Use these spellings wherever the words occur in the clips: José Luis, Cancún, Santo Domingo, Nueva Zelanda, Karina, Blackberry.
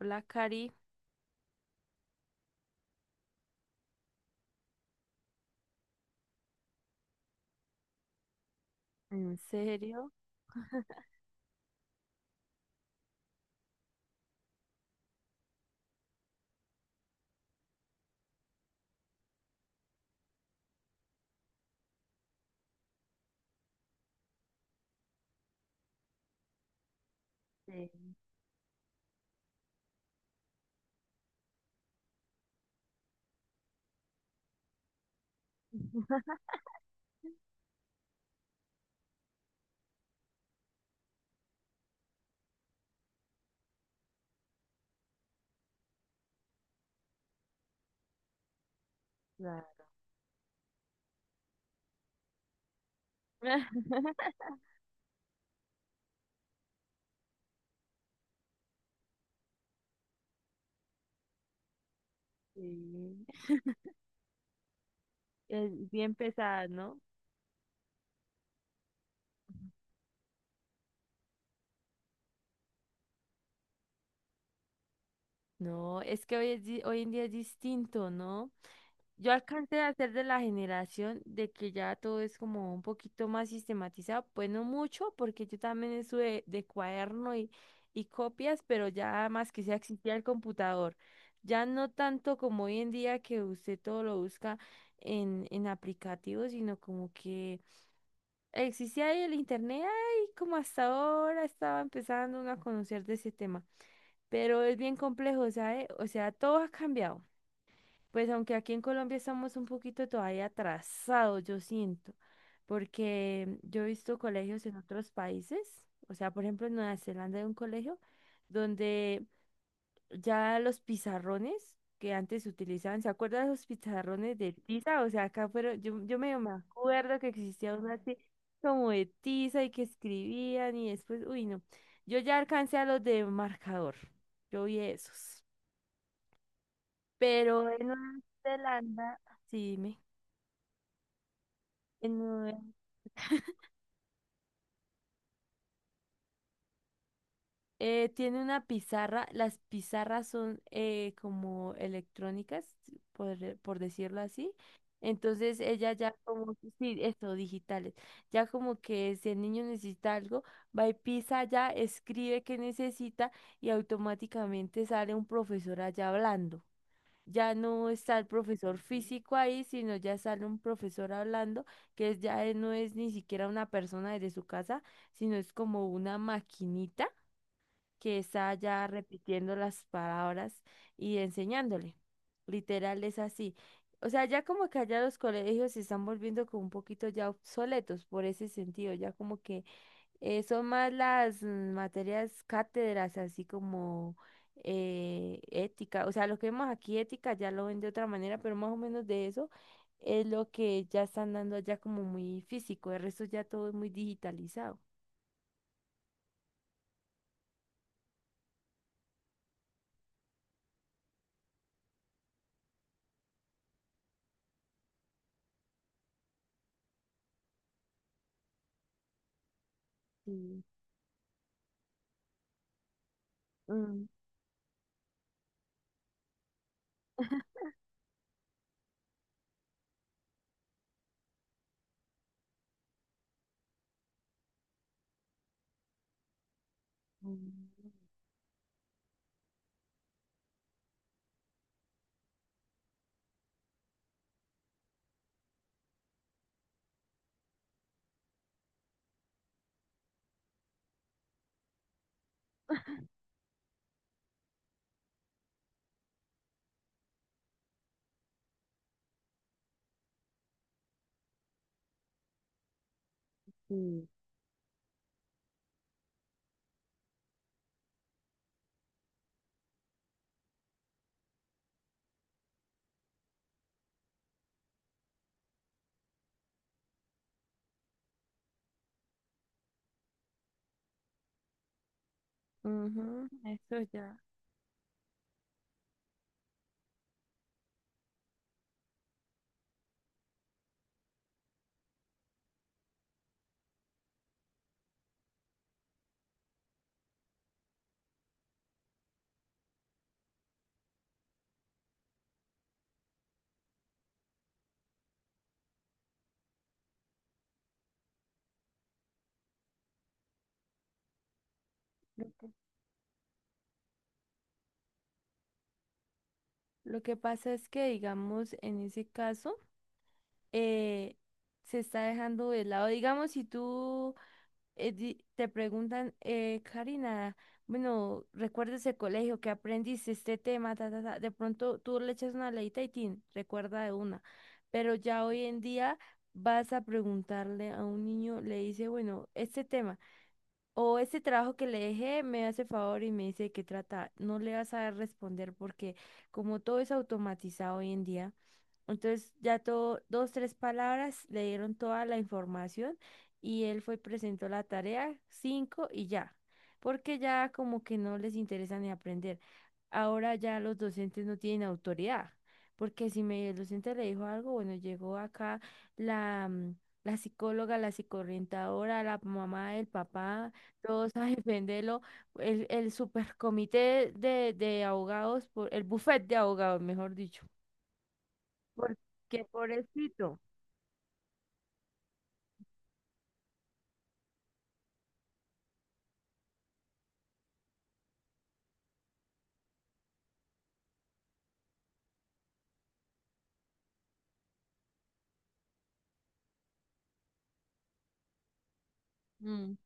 Blackberry. ¿En serio? Sí. Es bien pesada, ¿no? No, es que hoy, es hoy en día es distinto, ¿no? Yo alcancé a ser de la generación de que ya todo es como un poquito más sistematizado, pues no mucho, porque yo también estuve de cuaderno y copias, pero ya más que sea existía el computador. Ya no tanto como hoy en día, que usted todo lo busca en aplicativos, sino como que existía ahí el internet. Ay, como hasta ahora estaba empezando uno a conocer de ese tema, pero es bien complejo, ¿sabe? O sea, todo ha cambiado. Pues aunque aquí en Colombia estamos un poquito todavía atrasados, yo siento, porque yo he visto colegios en otros países. O sea, por ejemplo, en Nueva Zelanda hay un colegio donde ya los pizarrones que antes se utilizaban… ¿se acuerdan los pizarrones de tiza? O sea, acá fueron, yo medio me acuerdo que existía uno así como de tiza y que escribían, y después, uy, no. Yo ya alcancé a los de marcador, yo vi esos. Pero en Nueva Zelanda, sí, dime. En tiene una pizarra. Las pizarras son como electrónicas, por decirlo así. Entonces ella ya como, sí, esto, digitales, ya como que si el niño necesita algo, va y pisa allá, escribe que necesita, y automáticamente sale un profesor allá hablando. Ya no está el profesor físico ahí, sino ya sale un profesor hablando, ya no es ni siquiera una persona desde su casa, sino es como una maquinita que está ya repitiendo las palabras y enseñándole. Literal es así. O sea, ya como que allá los colegios se están volviendo como un poquito ya obsoletos por ese sentido. Ya como que son más las materias cátedras, así como ética. O sea, lo que vemos aquí ética ya lo ven de otra manera, pero más o menos de eso es lo que ya están dando allá como muy físico. El resto ya todo es muy digitalizado. Sí. Mm, mm, sí. Ujú, eso ya. Lo que, lo que pasa es que, digamos, en ese caso, eh, se está dejando de lado. Digamos, si tú te preguntan, Karina, bueno, ¿recuerdas el colegio que aprendiste este tema? Ta, ta, ta". De pronto tú le echas una leita y tin, recuerda de una. Pero ya hoy en día vas a preguntarle a un niño, le dice, bueno, este tema. O ese trabajo que le dejé, me hace favor y me dice de qué trata. No le vas a responder porque como todo es automatizado hoy en día, entonces ya todo, dos, tres palabras le dieron toda la información, y él fue, presentó la tarea, cinco y ya, porque ya como que no les interesa ni aprender. Ahora ya los docentes no tienen autoridad, porque si me, el docente le dijo algo, bueno, llegó acá la, la psicóloga, la psicoorientadora, la mamá, el papá rosas, el vendelo, el supercomité de abogados, por, el bufete de abogados, mejor dicho. Porque pobrecito. Mm.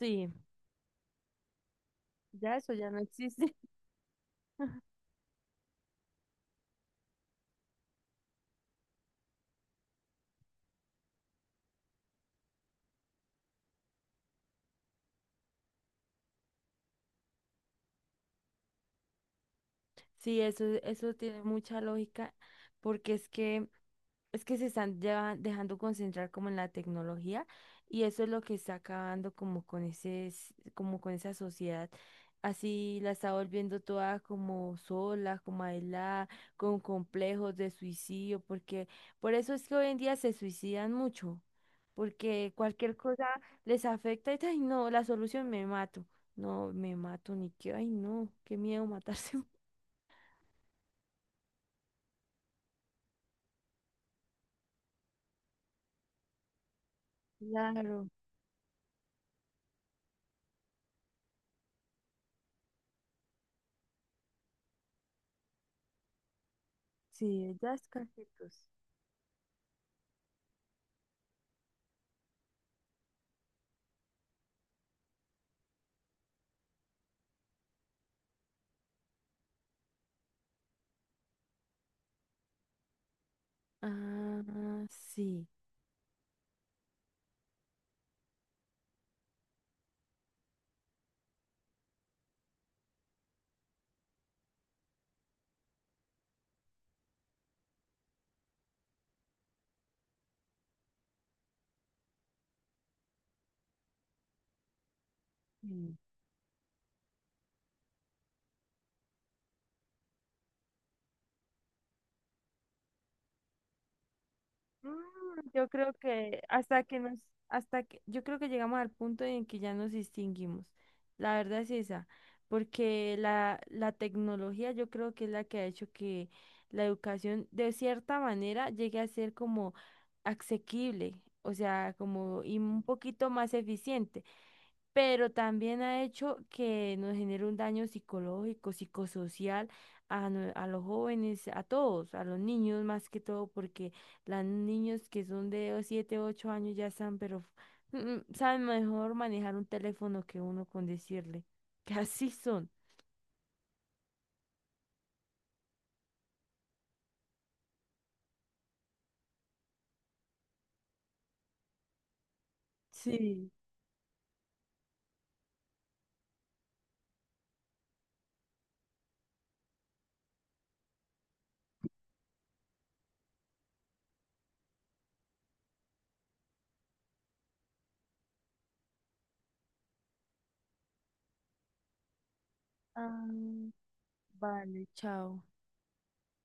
Sí, ya eso ya no existe. Sí, eso tiene mucha lógica, porque es que es que se están ya dejando concentrar como en la tecnología, y eso es lo que está acabando como con ese, como con esa sociedad. Así la está volviendo toda como sola, como aislada, con complejos de suicidio, porque por eso es que hoy en día se suicidan mucho, porque cualquier cosa les afecta y ay no, la solución me mato. No, me mato ni que, ay no, qué miedo matarse. Claro, sí, ya es casi tos. Ah, sí. Mm. Mm, yo creo que hasta que nos, hasta que, Yo creo que llegamos al punto en que ya nos distinguimos. La verdad es esa, porque la tecnología yo creo que es la que ha hecho que la educación de cierta manera llegue a ser como asequible, o sea, como y un poquito más eficiente. Pero también ha hecho que nos genere un daño psicológico, psicosocial a, a los jóvenes, a todos, a los niños más que todo, porque los niños que son de 7 u 8 años ya están, pero saben mejor manejar un teléfono que uno, con decirle que así son. Sí. Ah, vale, chao.